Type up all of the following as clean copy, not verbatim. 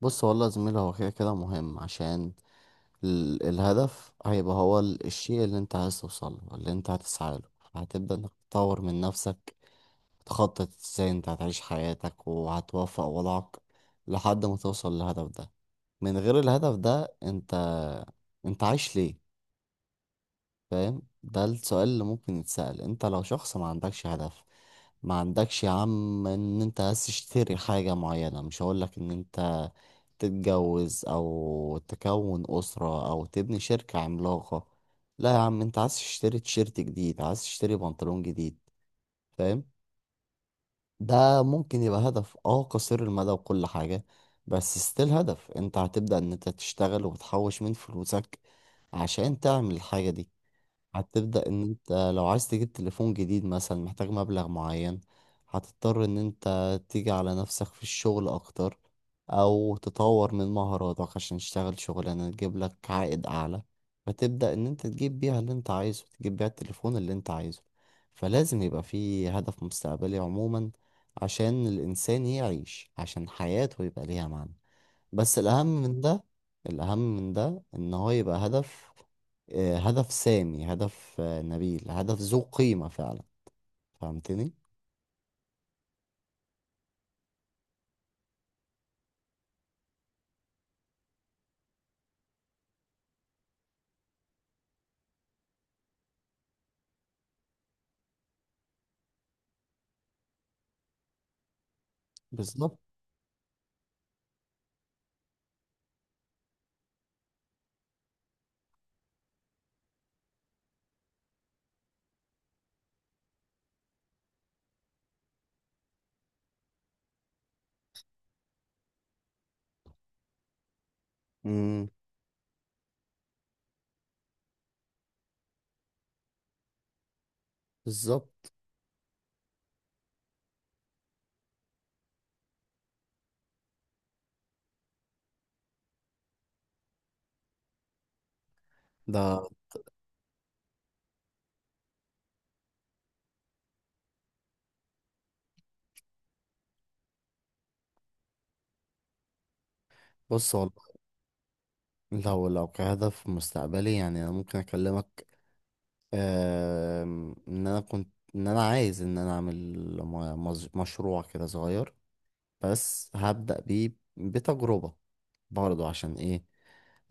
بص والله يا زميلي، هو كده كده مهم عشان الهدف هيبقى هو الشيء اللي انت عايز توصله، اللي انت هتسعى له. هتبدأ انك تطور من نفسك، تخطط ازاي انت هتعيش حياتك وهتوفق وضعك لحد ما توصل للهدف ده. من غير الهدف ده انت عايش ليه؟ فاهم؟ ده السؤال اللي ممكن يتسأل. انت لو شخص ما عندكش هدف، ما عندكش يا عم ان انت عايز تشتري حاجة معينة. مش هقولك ان انت تتجوز او تكون أسرة او تبني شركة عملاقة، لا يا عم، انت عايز تشتري تيشيرت جديد، عايز تشتري بنطلون جديد. فاهم؟ ده ممكن يبقى هدف اه قصير المدى وكل حاجة، بس ستيل هدف. انت هتبدأ ان انت تشتغل وتحوش من فلوسك عشان تعمل الحاجة دي. هتبدأ ان انت لو عايز تجيب تليفون جديد مثلا، محتاج مبلغ معين. هتضطر ان انت تيجي على نفسك في الشغل اكتر او تطور من مهاراتك عشان تشتغل شغلانة تجيب لك عائد اعلى، فتبدأ ان انت تجيب بيها اللي انت عايزه، تجيب بيها التليفون اللي انت عايزه. فلازم يبقى في هدف مستقبلي عموما عشان الانسان يعيش، عشان حياته يبقى ليها معنى. بس الأهم من ده، الأهم من ده إن هو يبقى هدف، هدف سامي، هدف نبيل، هدف ذو قيمة فعلا. فهمتني؟ بالظبط. امم بالظبط. ده بص والله، لو لو كهدف مستقبلي يعني انا ممكن اكلمك. ان انا كنت، ان انا عايز ان انا اعمل مشروع كده صغير، بس هبدأ بيه بتجربة. برضه عشان ايه؟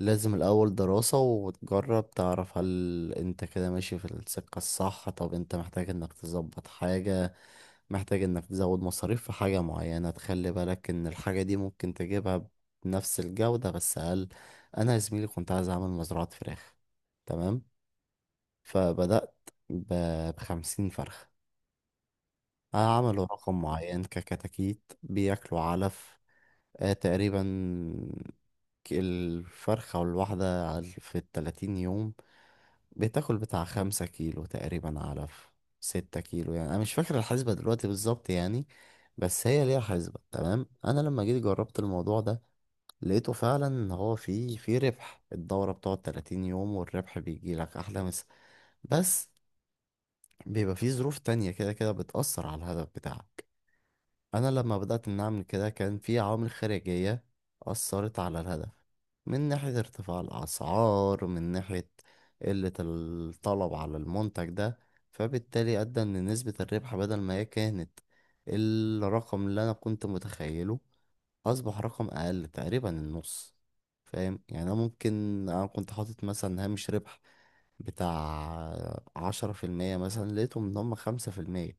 لازم الأول دراسة وتجرب، تعرف هل انت كده ماشي في السكة الصح. طب انت محتاج انك تظبط حاجة، محتاج انك تزود مصاريف في حاجة معينة، تخلي بالك ان الحاجة دي ممكن تجيبها بنفس الجودة بس أقل. أنا يا زميلي كنت عايز أعمل مزرعة فراخ. تمام، فبدأت ب50 فرخة. عملوا رقم معين ككتاكيت بياكلوا علف. آه تقريبا الفرخة الواحدة في ال30 يوم بتاكل بتاع 5 كيلو تقريبا، 6 كيلو يعني. أنا مش فاكر الحسبة دلوقتي بالظبط يعني، بس هي ليها حسبة. تمام، أنا لما جيت جربت الموضوع ده لقيته فعلا إن هو فيه ربح. الدورة بتقعد 30 يوم والربح بيجيلك أحلى مسا. بس بيبقى فيه ظروف تانية كده كده بتأثر على الهدف بتاعك. أنا لما بدأت إن أعمل كده كان في عوامل خارجية أثرت على الهدف، من ناحية ارتفاع الأسعار، من ناحية قلة الطلب على المنتج ده. فبالتالي أدى إن نسبة الربح بدل ما هي كانت الرقم اللي أنا كنت متخيله، أصبح رقم أقل تقريبا النص. فاهم يعني؟ أنا ممكن، أنا كنت حاطط مثلا هامش ربح بتاع 10% مثلا، لقيتهم إن هما 5%.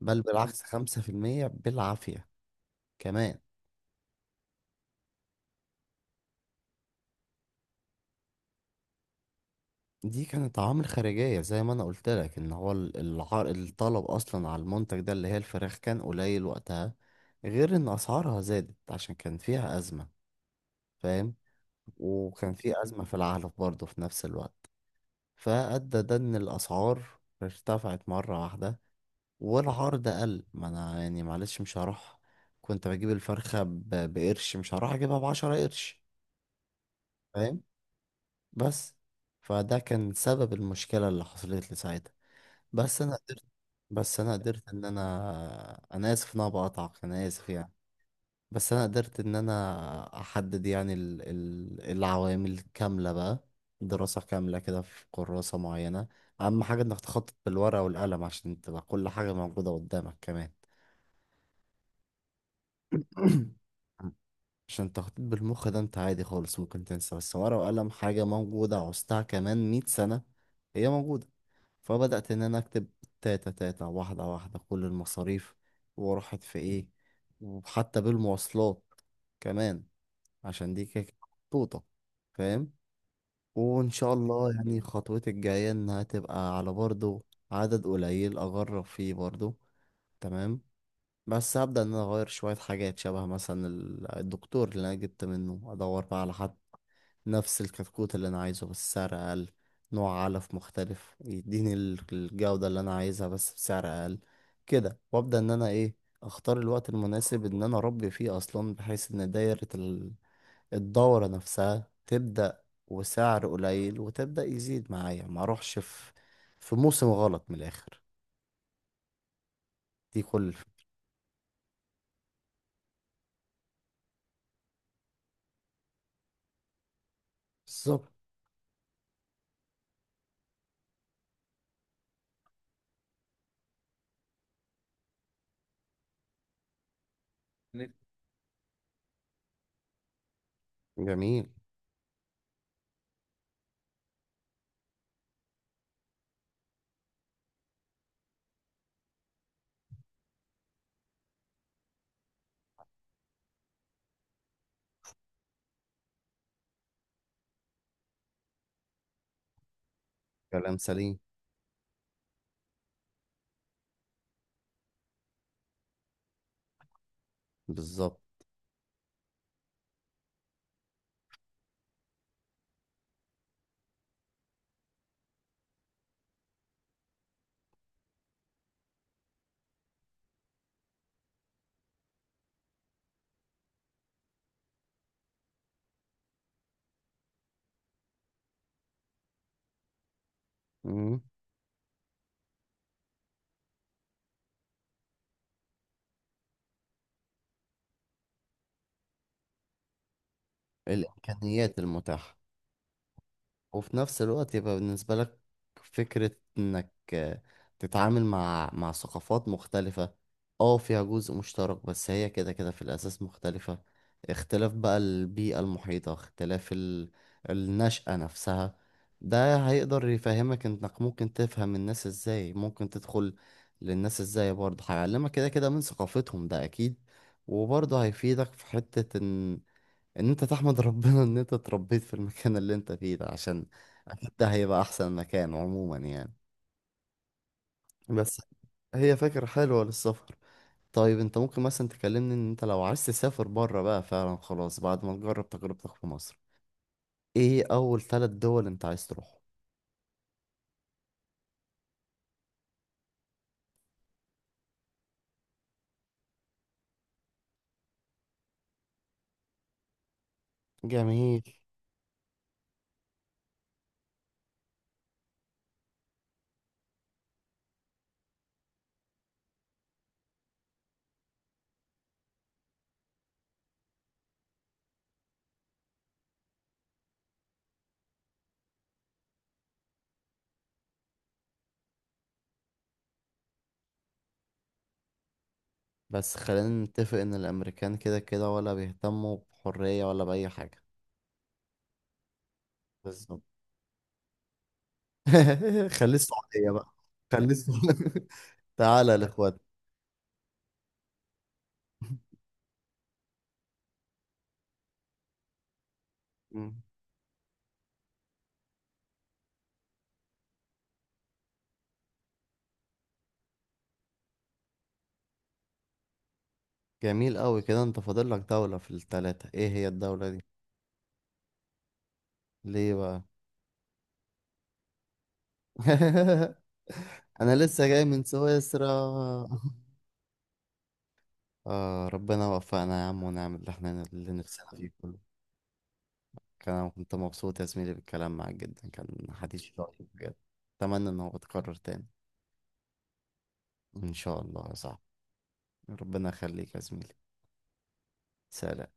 بل بالعكس، 5% بالعافية كمان. دي كانت عوامل خارجية زي ما انا قلت لك. ان هو الطلب اصلا على المنتج ده، اللي هي الفراخ، كان قليل وقتها. غير ان اسعارها زادت عشان كان فيها ازمة. فاهم؟ وكان في ازمة في العلف برضه في نفس الوقت، فادى ده ان الاسعار ارتفعت مرة واحدة والعرض قل. ما انا يعني معلش، مش هروح كنت بجيب الفرخة بقرش، مش هروح اجيبها ب10 قرش. فاهم؟ بس فده كان سبب المشكلة اللي حصلت لي ساعتها. بس انا قدرت، بس انا قدرت ان انا، اسف ان انا بقطعك، انا اسف يعني. بس انا قدرت ان انا احدد يعني العوامل كاملة بقى. دراسة كاملة كده في كراسة معينة. اهم حاجة انك تخطط بالورقة والقلم عشان تبقى كل حاجة موجودة قدامك كمان. عشان التخطيط بالمخ ده انت عادي خالص ممكن تنسى، بس ورقة وقلم حاجة موجودة عوزتها كمان 100 سنة هي موجودة. فبدأت إن أنا أكتب تاتا تاتا واحدة واحدة كل المصاريف وراحت في إيه، وحتى بالمواصلات كمان عشان دي كده كده محطوطة. فاهم؟ وإن شاء الله يعني خطوتي الجاية إنها تبقى على برضو عدد قليل أجرب فيه برضو. تمام، بس هبدأ إن أنا أغير شوية حاجات. شبه مثلا الدكتور اللي أنا جبت منه، أدور بقى على حد نفس الكتكوت اللي أنا عايزه بس سعر أقل. نوع علف مختلف يديني الجودة اللي أنا عايزها بس بسعر أقل. كده. وأبدأ إن أنا إيه، أختار الوقت المناسب إن أنا أربي فيه أصلا، بحيث إن الدورة نفسها تبدأ وسعر قليل وتبدأ يزيد معايا، ما أروحش في في موسم غلط من الآخر. دي كل الفكرة. بالظبط. إن- جميل. كلام سليم. بالظبط. مم. الإمكانيات المتاحة. وفي نفس الوقت يبقى بالنسبة لك فكرة انك تتعامل مع ثقافات مختلفة. اه فيها جزء مشترك بس هي كده كده في الأساس مختلفة. اختلاف بقى البيئة المحيطة، اختلاف النشأة نفسها. ده هيقدر يفهمك انك ممكن تفهم الناس ازاي، ممكن تدخل للناس ازاي. برضه هيعلمك كده كده من ثقافتهم، ده اكيد. وبرضه هيفيدك في حتة ان انت تحمد ربنا ان انت اتربيت في المكان اللي انت فيه ده، عشان اكيد ده هيبقى احسن مكان عموما يعني. بس هي فكرة حلوة للسفر. طيب انت ممكن مثلا تكلمني ان انت لو عايز تسافر بره بقى فعلا، خلاص بعد ما تجرب تجربتك في مصر، ايه اول 3 دول انت عايز تروحهم؟ جميل. بس خلينا نتفق ان الامريكان كده كده ولا بيهتموا بحرية ولا بأي حاجة. بالظبط. خليه السعودية بقى. خليه السعودية. تعالى يا الاخوات. جميل قوي. كده انت فاضل لك دولة في ال3، ايه هي الدولة دي؟ ليه بقى؟ انا لسه جاي من سويسرا. آه ربنا وفقنا يا عم، ونعمل اللي احنا اللي نفسنا فيه كله. كان انا كنت مبسوط يا زميلي بالكلام معاك جدا، كان حديث شيق بجد. اتمنى ان هو يتكرر تاني. ان شاء الله يا صاحبي. ربنا يخليك يا زميلي. سلام.